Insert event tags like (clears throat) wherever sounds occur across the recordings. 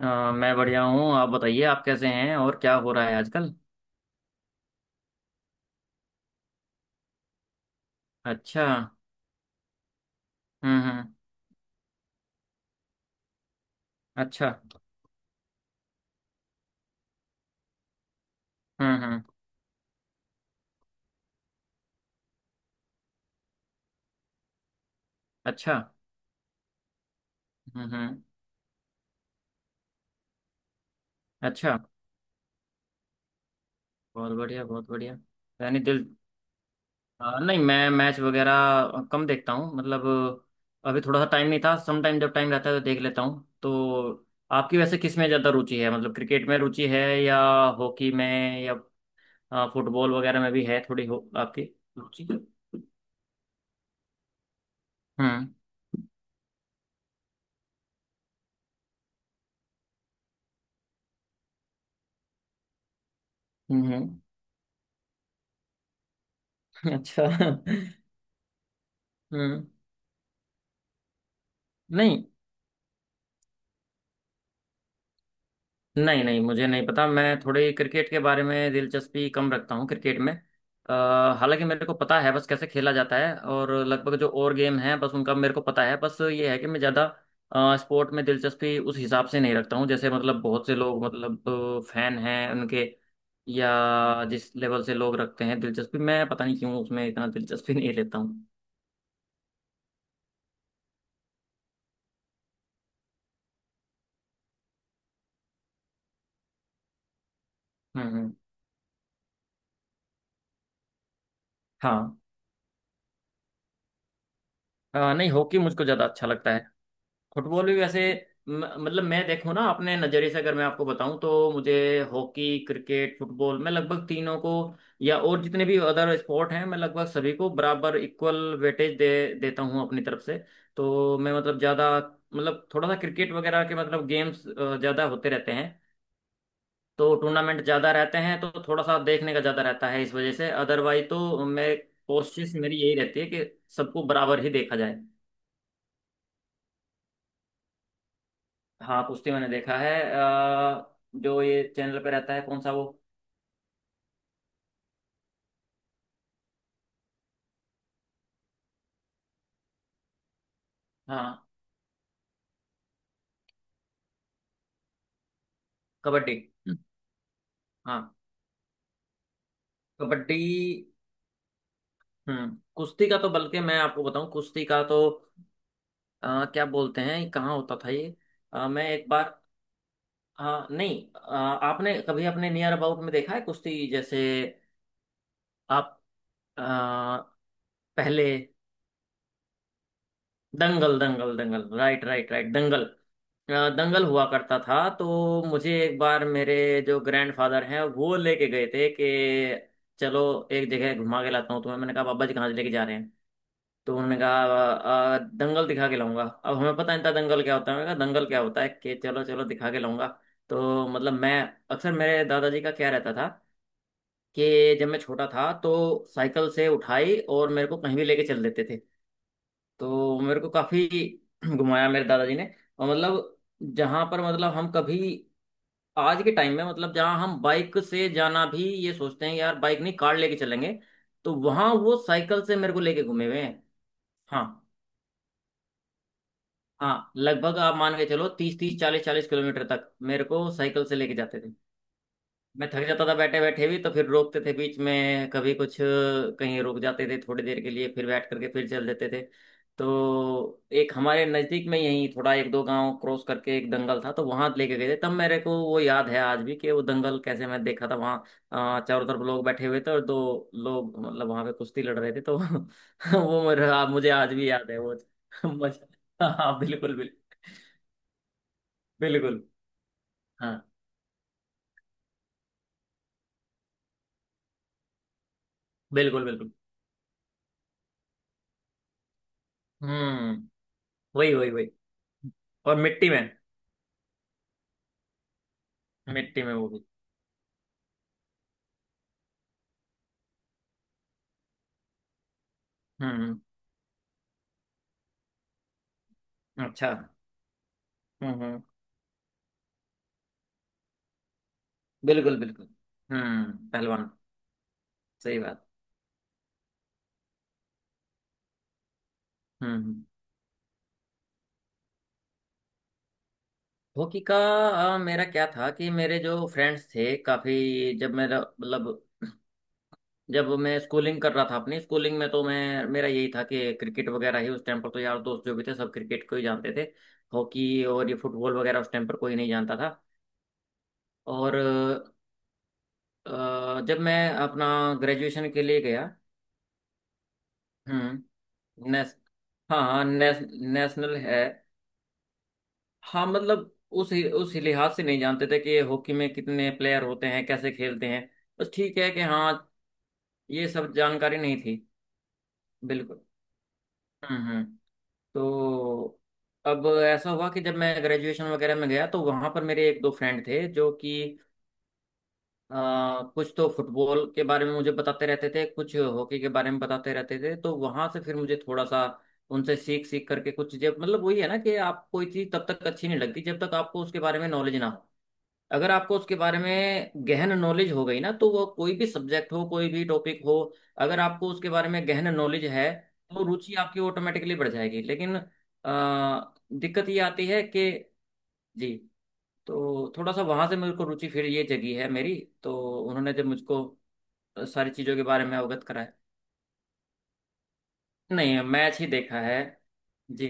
अ, मैं बढ़िया हूँ। आप बताइए आप कैसे हैं और क्या हो रहा है आजकल। अच्छा। हम्म। अच्छा। हम्म। अच्छा। हम्म। अच्छा। बहुत बढ़िया बहुत बढ़िया। यानी दिल। नहीं, मैं मैच वगैरह कम देखता हूँ मतलब। अभी थोड़ा सा टाइम नहीं था, सम टाइम जब टाइम रहता है तो देख लेता हूँ। तो आपकी वैसे किस में ज़्यादा रुचि है, मतलब क्रिकेट में रुचि है या हॉकी में या फुटबॉल वगैरह में भी है थोड़ी, हो आपकी रुचि? हम्म हम्म। (laughs) अच्छा। हम्म। नहीं नहीं नहीं, मुझे नहीं पता, मैं थोड़े क्रिकेट के बारे में दिलचस्पी कम रखता हूँ, क्रिकेट में हालांकि मेरे को पता है बस कैसे खेला जाता है, और लगभग जो और गेम हैं बस उनका मेरे को पता है। बस ये है कि मैं ज़्यादा स्पोर्ट में दिलचस्पी उस हिसाब से नहीं रखता हूँ, जैसे मतलब बहुत से लोग मतलब फैन हैं उनके, या जिस लेवल से लोग रखते हैं दिलचस्पी, मैं पता नहीं क्यों उसमें इतना दिलचस्पी (laughs) नहीं लेता हूँ। हम्म हम्म, हाँ। नहीं, हॉकी मुझको ज़्यादा अच्छा लगता है। फुटबॉल भी वैसे मतलब मैं देखूं ना, अपने नज़रिए से अगर मैं आपको बताऊं तो मुझे हॉकी, क्रिकेट, फुटबॉल, मैं लगभग तीनों को या और जितने भी अदर स्पोर्ट हैं, मैं लगभग सभी को बराबर इक्वल वेटेज दे देता हूं अपनी तरफ से। तो मैं मतलब ज़्यादा, मतलब थोड़ा सा क्रिकेट वगैरह के मतलब गेम्स ज़्यादा होते रहते हैं, तो टूर्नामेंट ज़्यादा रहते हैं तो थोड़ा सा देखने का ज़्यादा रहता है, इस वजह से। अदरवाइज तो मैं कोशिश, मेरी यही रहती है कि सबको बराबर ही देखा जाए। हाँ कुश्ती मैंने देखा है। जो ये चैनल पे रहता है कौन सा वो। हाँ। कबड्डी। हम्म, हाँ। कबड्डी। हम्म। कुश्ती का तो बल्कि मैं आपको बताऊं, कुश्ती का तो क्या बोलते हैं, कहाँ होता था ये। मैं एक बार। हाँ नहीं, आपने कभी अपने नियर अबाउट में देखा है कुश्ती जैसे आप? अ, पहले दंगल दंगल दंगल, राइट राइट राइट, दंगल। दंगल हुआ करता था, तो मुझे एक बार मेरे जो ग्रैंडफादर हैं वो लेके गए थे कि चलो एक जगह घुमा के लाता हूँ तुम्हें। मैंने कहा, बाबा जी कहाँ से लेके जा रहे हैं? तो उन्होंने कहा, दंगल दिखा के लाऊंगा।" अब हमें पता नहीं था दंगल क्या होता है। मैंने कहा दंगल क्या होता है? कि चलो चलो दिखा के लाऊंगा। तो मतलब मैं, अक्सर मेरे दादाजी का क्या रहता था कि जब मैं छोटा था तो साइकिल से उठाई और मेरे को कहीं भी लेके चल देते थे। तो मेरे को काफी (clears throat) घुमाया मेरे दादाजी ने। और मतलब जहां पर मतलब हम कभी, आज के टाइम में मतलब जहाँ हम बाइक से जाना भी ये सोचते हैं यार, बाइक नहीं कार लेके चलेंगे, तो वहां वो साइकिल से मेरे को लेके घूमे हुए हैं। हाँ। हाँ लगभग आप मान के चलो 30 30 40 40 किलोमीटर तक मेरे को साइकिल से लेके जाते थे। मैं थक जाता था बैठे बैठे भी, तो फिर रोकते थे बीच में, कभी कुछ कहीं रुक जाते थे थोड़ी देर के लिए, फिर बैठ करके फिर चल देते थे। तो एक हमारे नज़दीक में यहीं थोड़ा एक दो गांव क्रॉस करके एक दंगल था, तो वहां लेके गए थे, तब मेरे को वो याद है आज भी कि वो दंगल कैसे मैं देखा था वहाँ। चारों तरफ लोग बैठे हुए थे और दो लोग, मतलब वहां पे कुश्ती लड़ रहे थे, तो (laughs) वो मेरा, मुझे आज भी याद है वो (laughs) मजा। हाँ बिल्कुल बिल्कुल। बिल्कुल। हाँ बिल्कुल बिल्कुल। हम्म। वही वही वही। और मिट्टी में। मिट्टी में वो भी। हम्म अच्छा। हम्म। बिल्कुल बिल्कुल। पहलवान। सही बात। हम्म हम्म। हॉकी का मेरा क्या था कि मेरे जो फ्रेंड्स थे काफी, जब मेरा मतलब जब मैं स्कूलिंग कर रहा था अपनी स्कूलिंग में तो मैं, मेरा यही था कि क्रिकेट वगैरह ही उस टाइम पर, तो यार दोस्त जो भी थे सब क्रिकेट को ही जानते थे। हॉकी और ये फुटबॉल वगैरह उस टाइम पर कोई नहीं जानता था। और जब मैं अपना ग्रेजुएशन के लिए गया। हम्म। नेस। हाँ हाँ नेस, नेशनल है। हाँ, मतलब उस लिहाज से नहीं जानते थे कि हॉकी में कितने प्लेयर होते हैं, कैसे खेलते हैं। बस ठीक है कि हाँ, ये सब जानकारी नहीं थी। बिल्कुल। हम्म हम्म। तो अब ऐसा हुआ कि जब मैं ग्रेजुएशन वगैरह में गया तो वहाँ पर मेरे एक दो फ्रेंड थे जो कि कुछ तो फुटबॉल के बारे में मुझे बताते रहते थे, कुछ हॉकी के बारे में बताते रहते थे, तो वहाँ से फिर मुझे थोड़ा सा उनसे सीख सीख करके कुछ चीज़ें, मतलब वही है ना कि आप कोई चीज़ तब तक अच्छी नहीं लगती जब तक आपको उसके बारे में नॉलेज ना हो। अगर आपको उसके बारे में गहन नॉलेज हो गई ना, तो वो कोई भी सब्जेक्ट हो कोई भी टॉपिक हो, अगर आपको उसके बारे में गहन नॉलेज है तो रुचि आपकी ऑटोमेटिकली बढ़ जाएगी। लेकिन दिक्कत ये आती है कि जी। तो थोड़ा सा वहां से मेरे को रुचि फिर ये जगी है मेरी। तो उन्होंने जब मुझको सारी चीज़ों के बारे में अवगत कराया। नहीं, मैच ही देखा है। जी।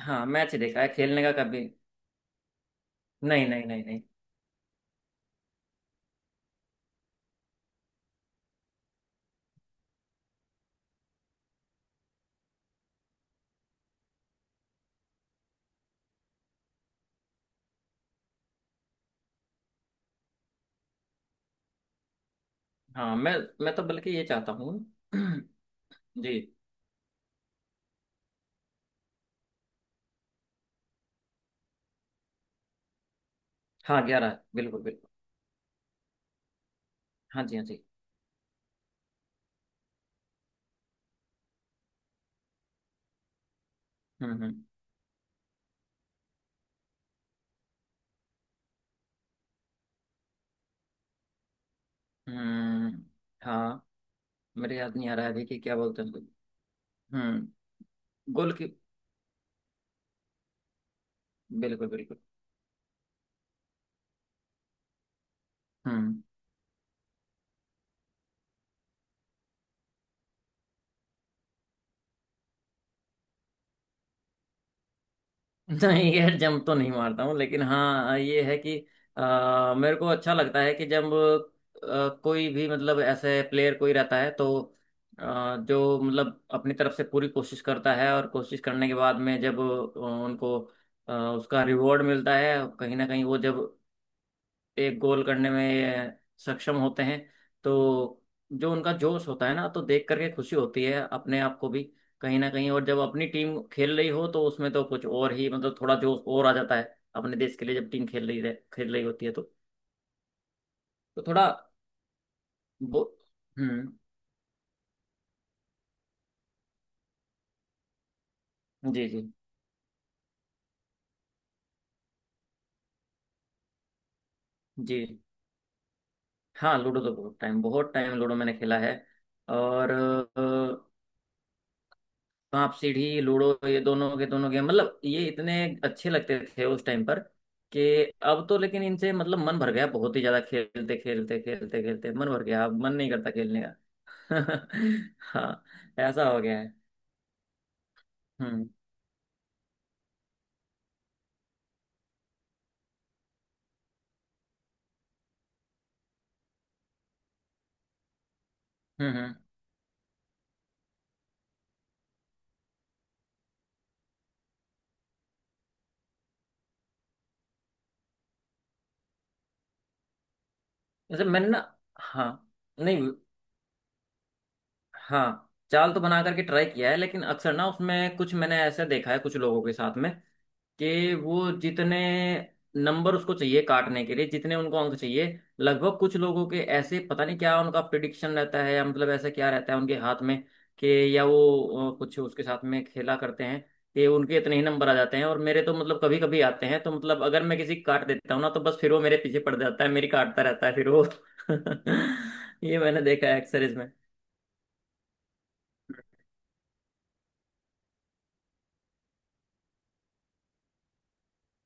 हाँ मैच ही देखा है, खेलने का कभी नहीं नहीं नहीं नहीं। हाँ मैं। मैं तो बल्कि ये चाहता हूँ। (clears throat) जी। हाँ 11 बिल्कुल बिल्कुल। हाँ जी हाँ जी। हम्म। हम्म, हाँ। मेरे याद नहीं आ रहा है अभी कि क्या बोलते हैं उसको। हम्म। गोल की। बिल्कुल बिल्कुल। हम्म। (laughs) नहीं यार, जंप तो नहीं मारता हूँ, लेकिन हाँ ये है कि मेरे को अच्छा लगता है कि जब कोई भी मतलब ऐसे प्लेयर कोई रहता है, तो जो मतलब अपनी तरफ से पूरी कोशिश करता है, और कोशिश करने के बाद में जब उनको उसका रिवॉर्ड मिलता है कहीं ना कहीं, वो जब एक गोल करने में सक्षम होते हैं, तो जो उनका जोश होता है ना, तो देख करके खुशी होती है अपने आप को भी कहीं ना कहीं। और जब अपनी टीम खेल रही हो तो उसमें तो कुछ और ही, मतलब थोड़ा जोश और आ जाता है। अपने देश के लिए जब टीम खेल रही खेल रही होती है तो। तो थोड़ा वो। हम्म। जी जी जी। हाँ लूडो तो बहुत टाइम, बहुत टाइम लूडो मैंने खेला है। और सांप सीढ़ी लूडो ये दोनों के दोनों गेम, मतलब ये इतने अच्छे लगते थे उस टाइम पर कि, अब तो लेकिन इनसे मतलब मन भर गया, बहुत ही ज्यादा खेलते खेलते खेलते खेलते मन भर गया, अब मन नहीं करता खेलने का। (laughs) हाँ। ऐसा हो गया है। हम्म हम्म हम्म। वैसे मैंने ना। हाँ। नहीं। हाँ चाल तो बना करके ट्राई किया है, लेकिन अक्सर ना उसमें कुछ मैंने ऐसे देखा है कुछ लोगों के साथ में कि वो जितने नंबर उसको चाहिए काटने के लिए, जितने उनको अंक चाहिए, लगभग कुछ लोगों के ऐसे पता नहीं क्या उनका प्रिडिक्शन रहता है या मतलब ऐसा क्या रहता है उनके हाथ में कि, या वो कुछ उसके साथ में खेला करते हैं कि उनके इतने ही नंबर आ जाते हैं। और मेरे तो मतलब कभी कभी आते हैं, तो मतलब अगर मैं किसी को काट देता हूँ ना तो बस फिर वो मेरे पीछे पड़ जाता है, मेरी काटता रहता है फिर वो। (laughs) ये मैंने देखा है अक्सर इसमें।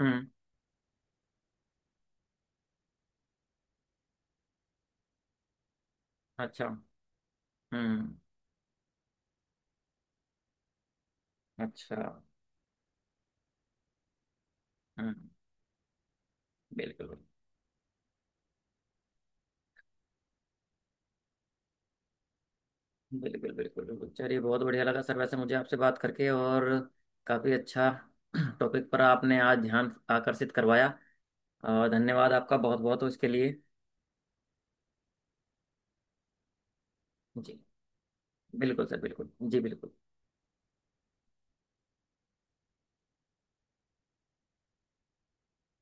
हम्म। अच्छा। हम्म। अच्छा। हम्म। बिल्कुल बिल्कुल बिल्कुल। बिल्कुल चलिए, बहुत बढ़िया लगा सर वैसे मुझे आपसे बात करके, और काफ़ी अच्छा (clears throat) टॉपिक पर आपने आज ध्यान आकर्षित करवाया, और धन्यवाद आपका बहुत बहुत इसके लिए। जी बिल्कुल सर, बिल्कुल जी, बिल्कुल।